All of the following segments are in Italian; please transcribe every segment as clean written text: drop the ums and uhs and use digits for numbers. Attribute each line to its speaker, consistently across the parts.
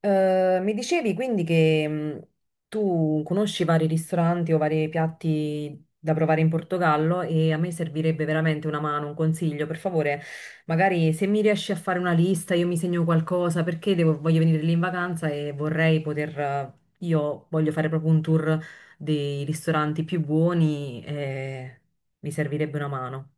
Speaker 1: Mi dicevi quindi che tu conosci vari ristoranti o vari piatti da provare in Portogallo e a me servirebbe veramente una mano, un consiglio. Per favore, magari se mi riesci a fare una lista, io mi segno qualcosa perché voglio venire lì in vacanza e vorrei poter. Io voglio fare proprio un tour dei ristoranti più buoni e mi servirebbe una mano.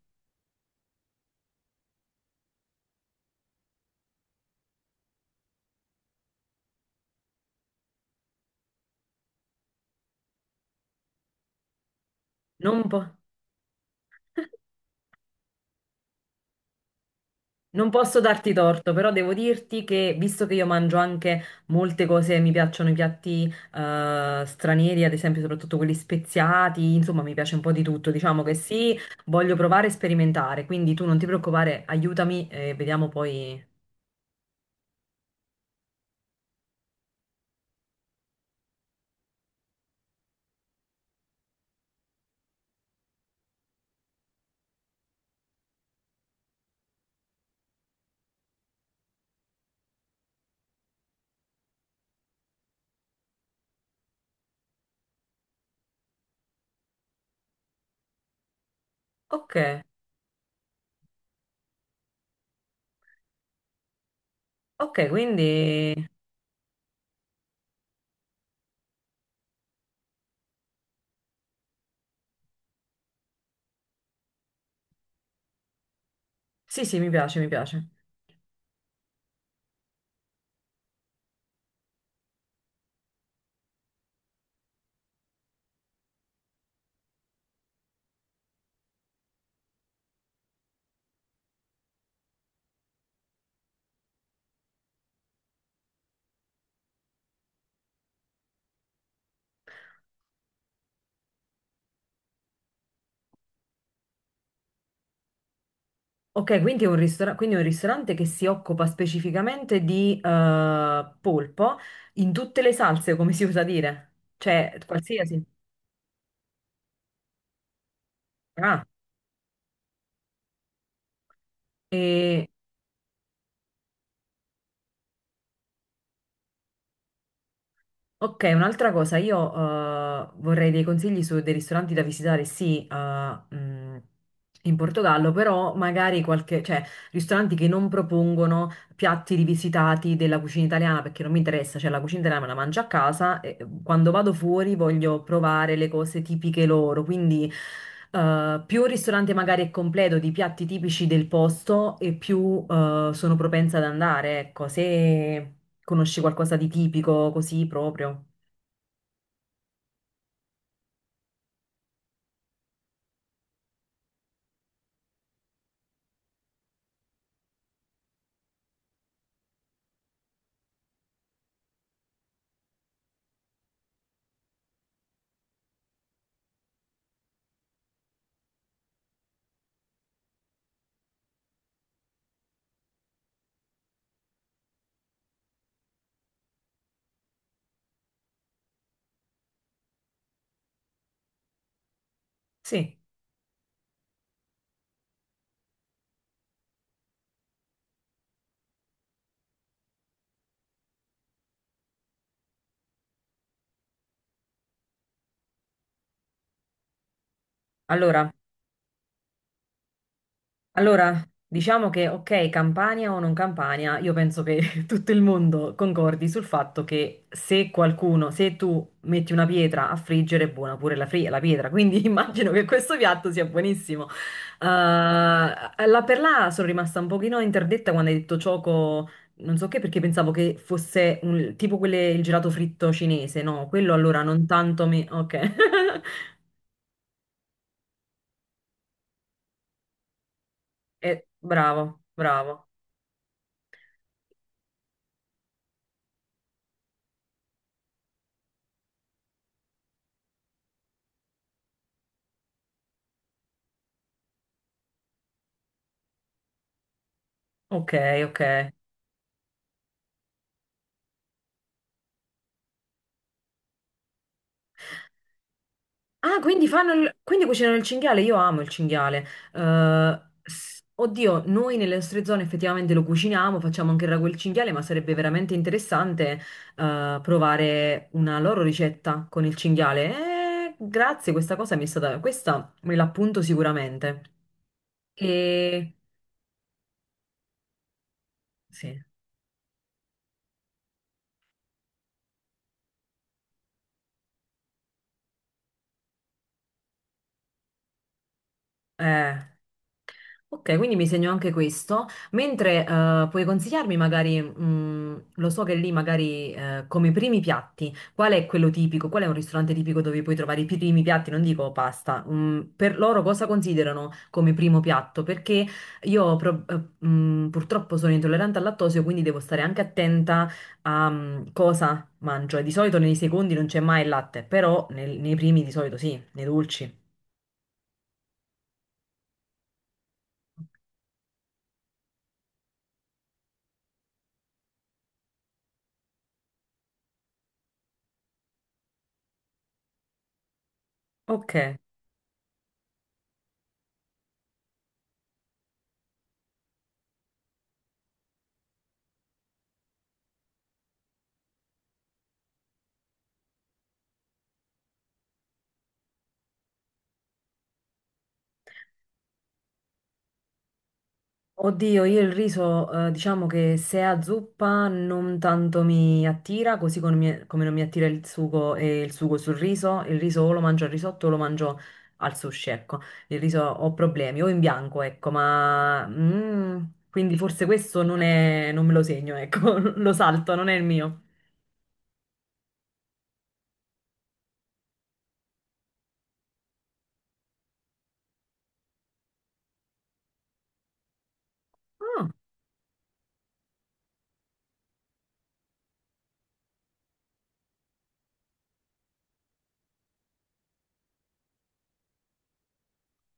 Speaker 1: Non un po'. Non posso darti torto, però devo dirti che visto che io mangio anche molte cose, mi piacciono i piatti stranieri, ad esempio, soprattutto quelli speziati, insomma, mi piace un po' di tutto. Diciamo che sì, voglio provare e sperimentare, quindi tu non ti preoccupare, aiutami e vediamo poi. Ok, ok, quindi sì, sì, mi piace, mi piace. Ok, quindi è un quindi è un ristorante che si occupa specificamente di polpo in tutte le salse, come si usa dire, cioè qualsiasi. Ah. E, ok, un'altra cosa, io vorrei dei consigli su dei ristoranti da visitare, sì, in Portogallo, però magari qualche, cioè, ristoranti che non propongono piatti rivisitati della cucina italiana perché non mi interessa, cioè la cucina italiana me la mangio a casa e quando vado fuori voglio provare le cose tipiche loro, quindi più il ristorante magari è completo di piatti tipici del posto e più sono propensa ad andare, ecco, se conosci qualcosa di tipico così proprio. Sì, allora. Allora, diciamo che ok, Campania o non Campania, io penso che tutto il mondo concordi sul fatto che se qualcuno, se tu metti una pietra a friggere, è buona pure la pietra, quindi immagino che questo piatto sia buonissimo. La per là sono rimasta un pochino interdetta quando hai detto cioco, non so che, perché pensavo che fosse tipo quelle, il gelato fritto cinese, no? Quello allora non tanto mi... Ok, eh, bravo, bravo, ok, ok. Ah, quindi fanno il... quindi cucinano il cinghiale, io amo il cinghiale. Oddio, noi nelle nostre zone effettivamente lo cuciniamo, facciamo anche il ragù e il cinghiale, ma sarebbe veramente interessante provare una loro ricetta con il cinghiale. Grazie, questa cosa mi è stata... questa me l'appunto sicuramente. E... sì, eh. Ok, quindi mi segno anche questo, mentre puoi consigliarmi magari, lo so che lì magari come primi piatti, qual è quello tipico, qual è un ristorante tipico dove puoi trovare i primi piatti, non dico pasta, mm, per loro cosa considerano come primo piatto? Perché io purtroppo sono intollerante al lattosio, quindi devo stare anche attenta a cosa mangio e di solito nei secondi non c'è mai il latte, però nei primi di solito sì, nei dolci. Ok. Oddio, io il riso, diciamo che se è a zuppa non tanto mi attira, così come, come non mi attira il sugo e il sugo sul riso, il riso o lo mangio al risotto o lo mangio al sushi, ecco, il riso ho problemi, o in bianco, ecco, ma mm, quindi forse questo non è, non me lo segno, ecco, lo salto, non è il mio. Ah,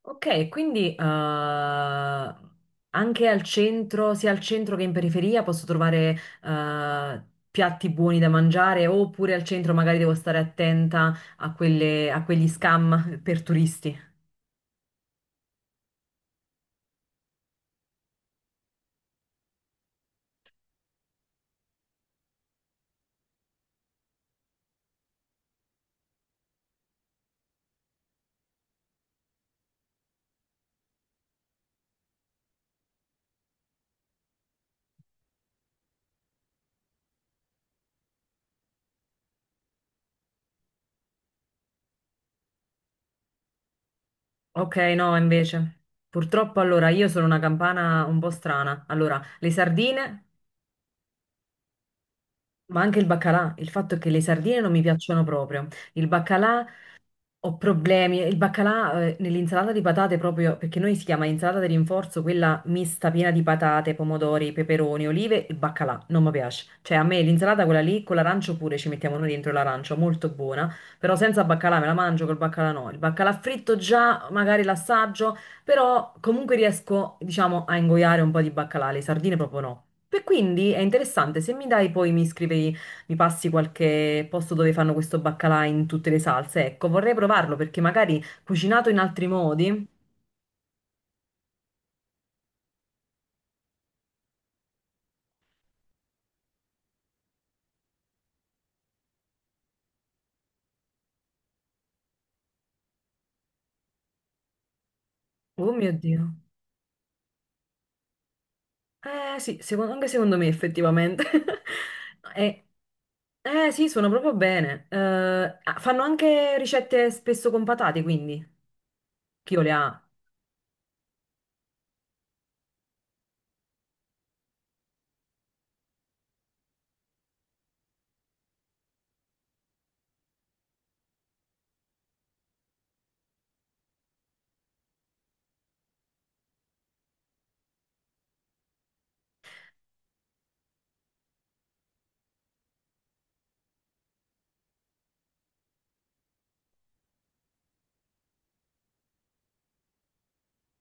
Speaker 1: ok, quindi anche al centro, sia al centro che in periferia, posso trovare eh, piatti buoni da mangiare, oppure al centro magari devo stare attenta a a quegli scam per turisti. Ok, no, invece. Purtroppo allora io sono una campana un po' strana. Allora, le sardine, ma anche il baccalà. Il fatto è che le sardine non mi piacciono proprio. Il baccalà ho problemi. Il baccalà, nell'insalata di patate proprio, perché noi si chiama insalata di rinforzo, quella mista piena di patate, pomodori, peperoni, olive, il baccalà, non mi piace. Cioè a me l'insalata quella lì, con l'arancio pure ci mettiamo noi dentro l'arancio, molto buona, però senza baccalà me la mangio, col baccalà no. Il baccalà fritto già, magari l'assaggio, però comunque riesco, diciamo, a ingoiare un po' di baccalà, le sardine proprio no. E quindi è interessante, se mi dai poi mi scrivi mi passi qualche posto dove fanno questo baccalà in tutte le salse. Ecco, vorrei provarlo perché magari cucinato in altri modi. Oh mio Dio. Eh sì, anche secondo me effettivamente. Eh, sì, sono proprio bene. Ah, fanno anche ricette spesso con patate, quindi chi o le ha?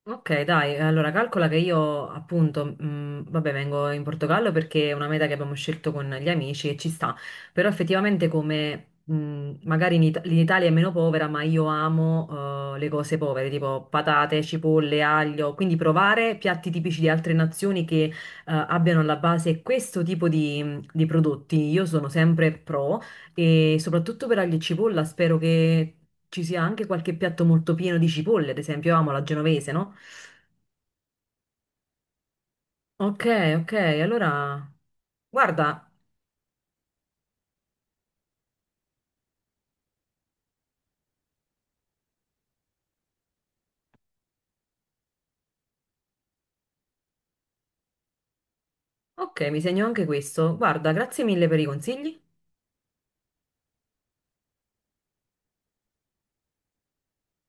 Speaker 1: Ok, dai, allora calcola che io appunto, vabbè, vengo in Portogallo perché è una meta che abbiamo scelto con gli amici e ci sta, però effettivamente come magari l'Italia è meno povera, ma io amo le cose povere, tipo patate, cipolle, aglio, quindi provare piatti tipici di altre nazioni che abbiano alla base questo tipo di prodotti, io sono sempre pro. E soprattutto per aglio e cipolla spero che ci sia anche qualche piatto molto pieno di cipolle, ad esempio, io amo la genovese, no? Ok, ok, allora, guarda, ok, mi segno anche questo. Guarda, grazie mille per i consigli.